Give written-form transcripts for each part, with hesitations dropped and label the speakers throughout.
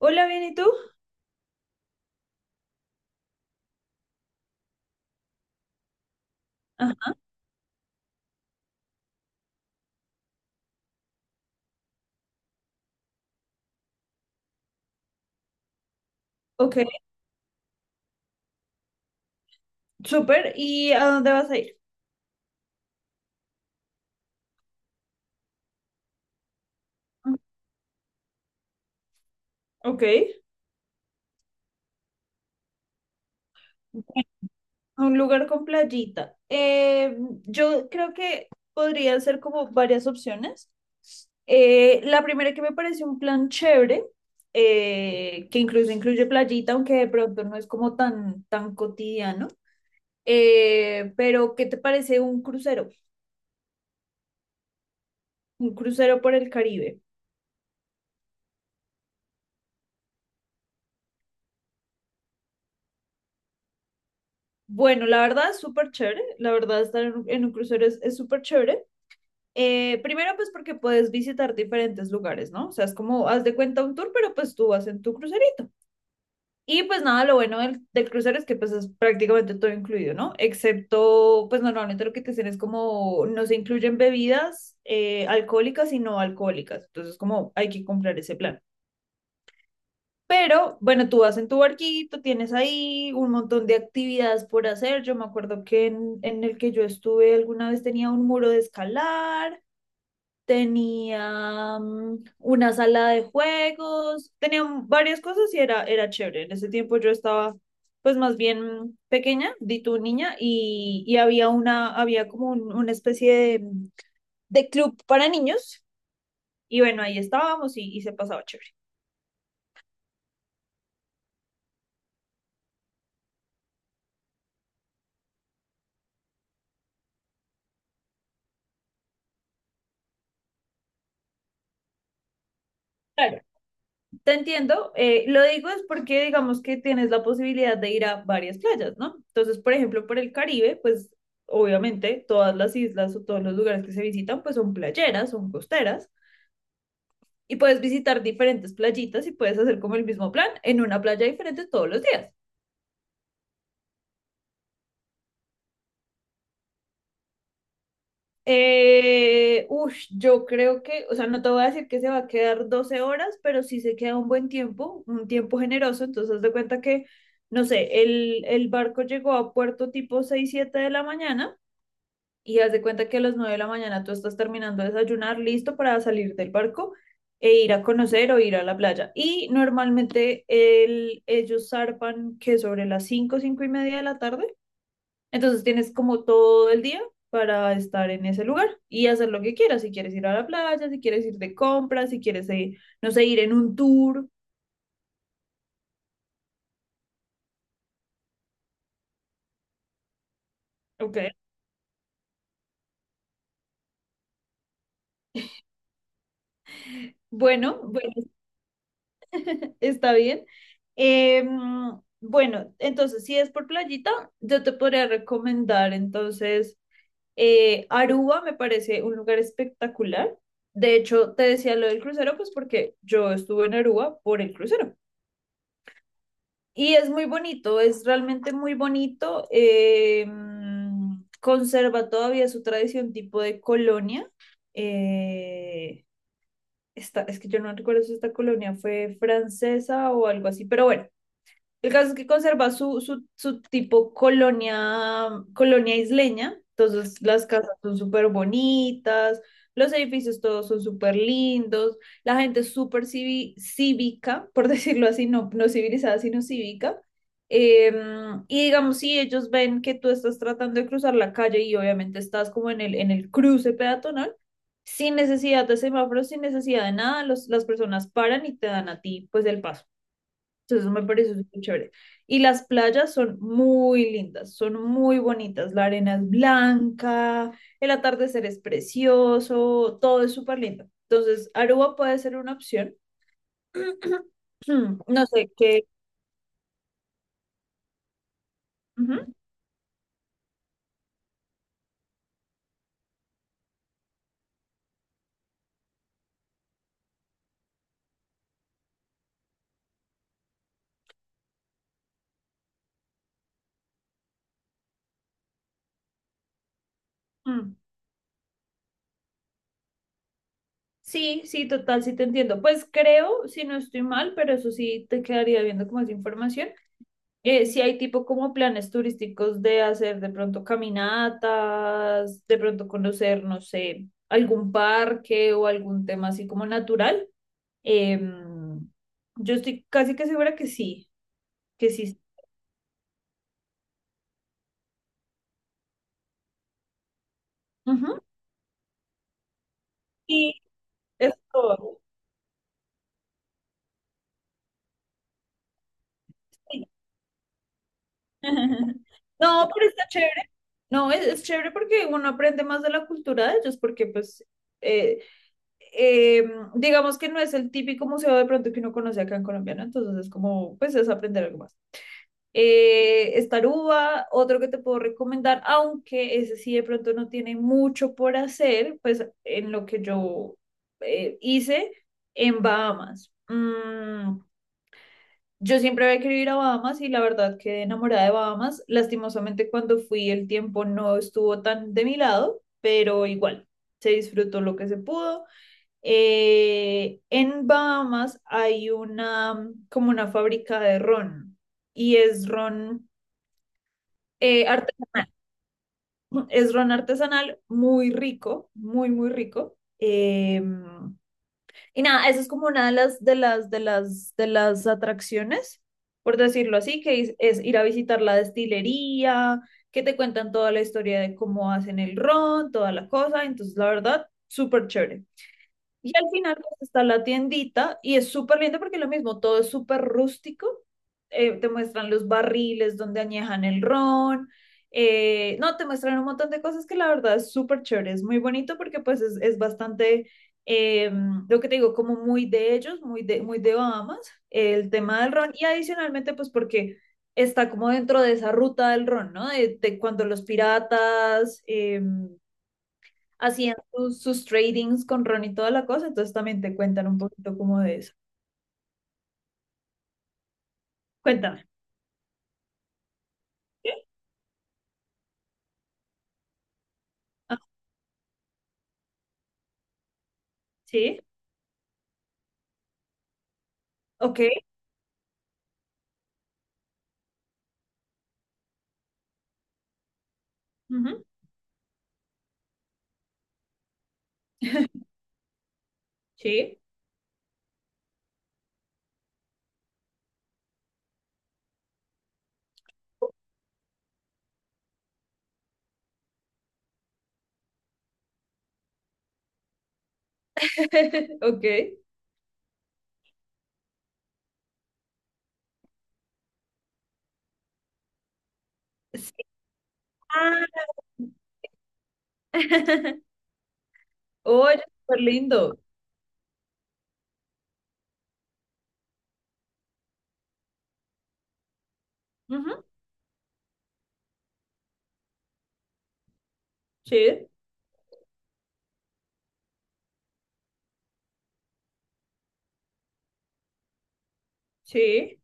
Speaker 1: Hola, bien, ¿y tú? Ajá, ok, súper. ¿Y a dónde vas a ir? Ok, a un lugar con playita. Yo creo que podrían ser como varias opciones. La primera que me parece un plan chévere, que incluso incluye playita, aunque de pronto no es como tan, tan cotidiano. Pero, ¿qué te parece un crucero? Un crucero por el Caribe. Bueno, la verdad es súper chévere. La verdad, estar en un crucero es súper chévere. Primero, pues porque puedes visitar diferentes lugares, ¿no? O sea, es como, haz de cuenta un tour, pero pues tú vas en tu crucerito. Y pues nada, lo bueno del crucero es que pues es prácticamente todo incluido, ¿no? Excepto, pues normalmente lo que te dicen es como, no se incluyen bebidas alcohólicas y no alcohólicas. Entonces, como hay que comprar ese plan. Pero bueno, tú vas en tu barquito, tienes ahí un montón de actividades por hacer. Yo me acuerdo que en el que yo estuve alguna vez tenía un muro de escalar, tenía una sala de juegos, tenía varias cosas y era chévere. En ese tiempo yo estaba pues más bien pequeña, di tu niña, y había una, había como una especie de club para niños, y bueno, ahí estábamos y se pasaba chévere. Claro. Te entiendo, lo digo es porque digamos que tienes la posibilidad de ir a varias playas, ¿no? Entonces, por ejemplo, por el Caribe, pues obviamente todas las islas o todos los lugares que se visitan, pues son playeras, son costeras, y puedes visitar diferentes playitas y puedes hacer como el mismo plan en una playa diferente todos los días. Yo creo que, o sea, no te voy a decir que se va a quedar 12 horas, pero sí se queda un buen tiempo, un tiempo generoso. Entonces, haz de cuenta que, no sé, el barco llegó a puerto tipo 6 7 de la mañana y haz de cuenta que a las 9 de la mañana tú estás terminando de desayunar, listo para salir del barco e ir a conocer o ir a la playa. Y normalmente ellos zarpan que sobre las 5, 5 y media de la tarde. Entonces tienes como todo el día para estar en ese lugar y hacer lo que quieras. Si quieres ir a la playa, si quieres ir de compras, si quieres, no sé, ir en un tour. Ok. Bueno, está bien. Eh, bueno, entonces, si es por playita, yo te podría recomendar entonces Aruba, me parece un lugar espectacular. De hecho, te decía lo del crucero, pues porque yo estuve en Aruba por el crucero. Y es muy bonito, es realmente muy bonito. Conserva todavía su tradición tipo de colonia. Eh, es que yo no recuerdo si esta colonia fue francesa o algo así, pero bueno, el caso es que conserva su tipo colonia, colonia isleña, entonces las casas son súper bonitas, los edificios todos son súper lindos, la gente es súper cívica, por decirlo así, no, no civilizada, sino cívica. Y digamos, si ellos ven que tú estás tratando de cruzar la calle y obviamente estás como en el cruce peatonal, sin necesidad de semáforos, sin necesidad de nada, las personas paran y te dan a ti pues el paso. Entonces, eso me pareció súper chévere. Y las playas son muy lindas, son muy bonitas. La arena es blanca, el atardecer es precioso, todo es súper lindo. Entonces, Aruba puede ser una opción. No sé qué. Ujú, mm. Sí, sí, total, sí te entiendo. Pues creo, si no estoy mal, pero eso sí te quedaría viendo como esa información. Si hay tipo como planes turísticos de hacer de pronto caminatas, de pronto conocer, no sé, algún parque o algún tema así como natural. Em, yo estoy casi que segura que sí, que sí. Ujú. Y es todo. Sí. No, pero está chévere. No, es chévere porque uno aprende más de la cultura de ellos, porque pues, eh, eh, digamos que no es el típico museo de pronto que uno conoce acá en Colombia, ¿no? Entonces es como, pues es aprender algo más. Estaruba, otro que te puedo recomendar, aunque ese sí de pronto no tiene mucho por hacer, pues en lo que yo hice en Bahamas. Yo siempre había querido ir a Bahamas y la verdad quedé enamorada de Bahamas. Lastimosamente cuando fui el tiempo no estuvo tan de mi lado, pero igual se disfrutó lo que se pudo. En Bahamas hay una como una fábrica de ron y es ron artesanal. Es ron artesanal, muy rico, muy, muy rico. Y nada, eso es como una de las atracciones, por decirlo así, que es ir a visitar la destilería, que te cuentan toda la historia de cómo hacen el ron, toda la cosa. Entonces, la verdad, súper chévere. Y al final pues, está la tiendita y es súper lindo porque lo mismo, todo es súper rústico. Te muestran los barriles donde añejan el ron. No, te muestran un montón de cosas que la verdad es súper chévere. Es muy bonito porque pues es bastante, eh, lo que te digo, como muy de ellos, muy de Bahamas, el tema del ron. Y adicionalmente pues porque está como dentro de esa ruta del ron, ¿no? De cuando los piratas... hacían sus tradings con Ron y toda la cosa, entonces también te cuentan un poquito como de eso. Cuéntame. ¿Sí? Ah, sí, ok. Ujú, sí, ok. Sí. Ah. Oye, súper lindo. Ujú, sí, sí.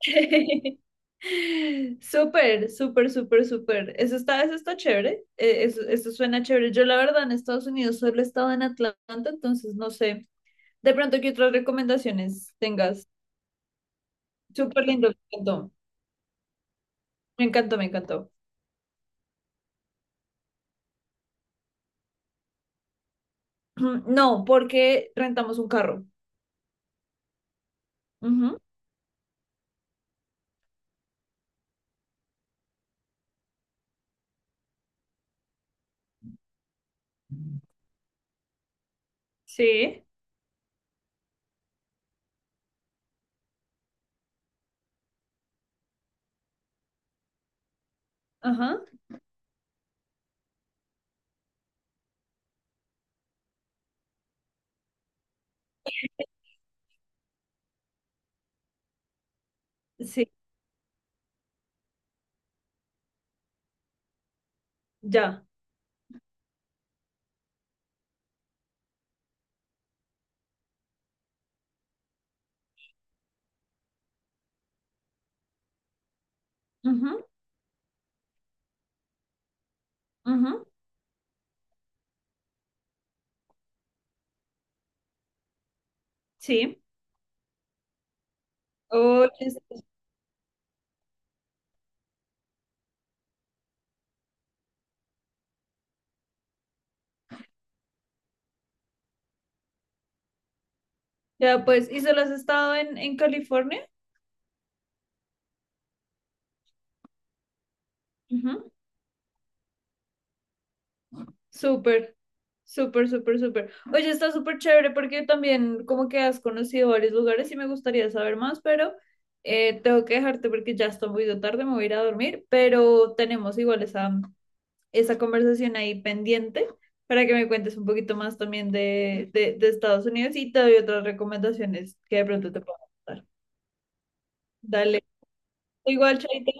Speaker 1: Súper, súper, súper, súper. Eso está chévere. Eso, eso suena chévere. Yo, la verdad, en Estados Unidos solo he estado en Atlanta, entonces no sé. De pronto, ¿qué otras recomendaciones tengas? Súper lindo, me encantó. Me encantó, me encantó. No, porque rentamos un carro. Ujú, sí, ajá, sí, ya. Ujú, ujú, sí. Oye, sí, ya pues, ¿y solo has estado en California? Ujú, súper, súper, súper, súper. Oye, está súper chévere porque también como que has conocido varios lugares y me gustaría saber más, pero tengo que dejarte porque ya está muy de tarde, me voy a ir a dormir, pero tenemos igual esa conversación ahí pendiente para que me cuentes un poquito más también de Estados Unidos y te doy otras recomendaciones que de pronto te puedan dar. Dale. Igual, Chaito.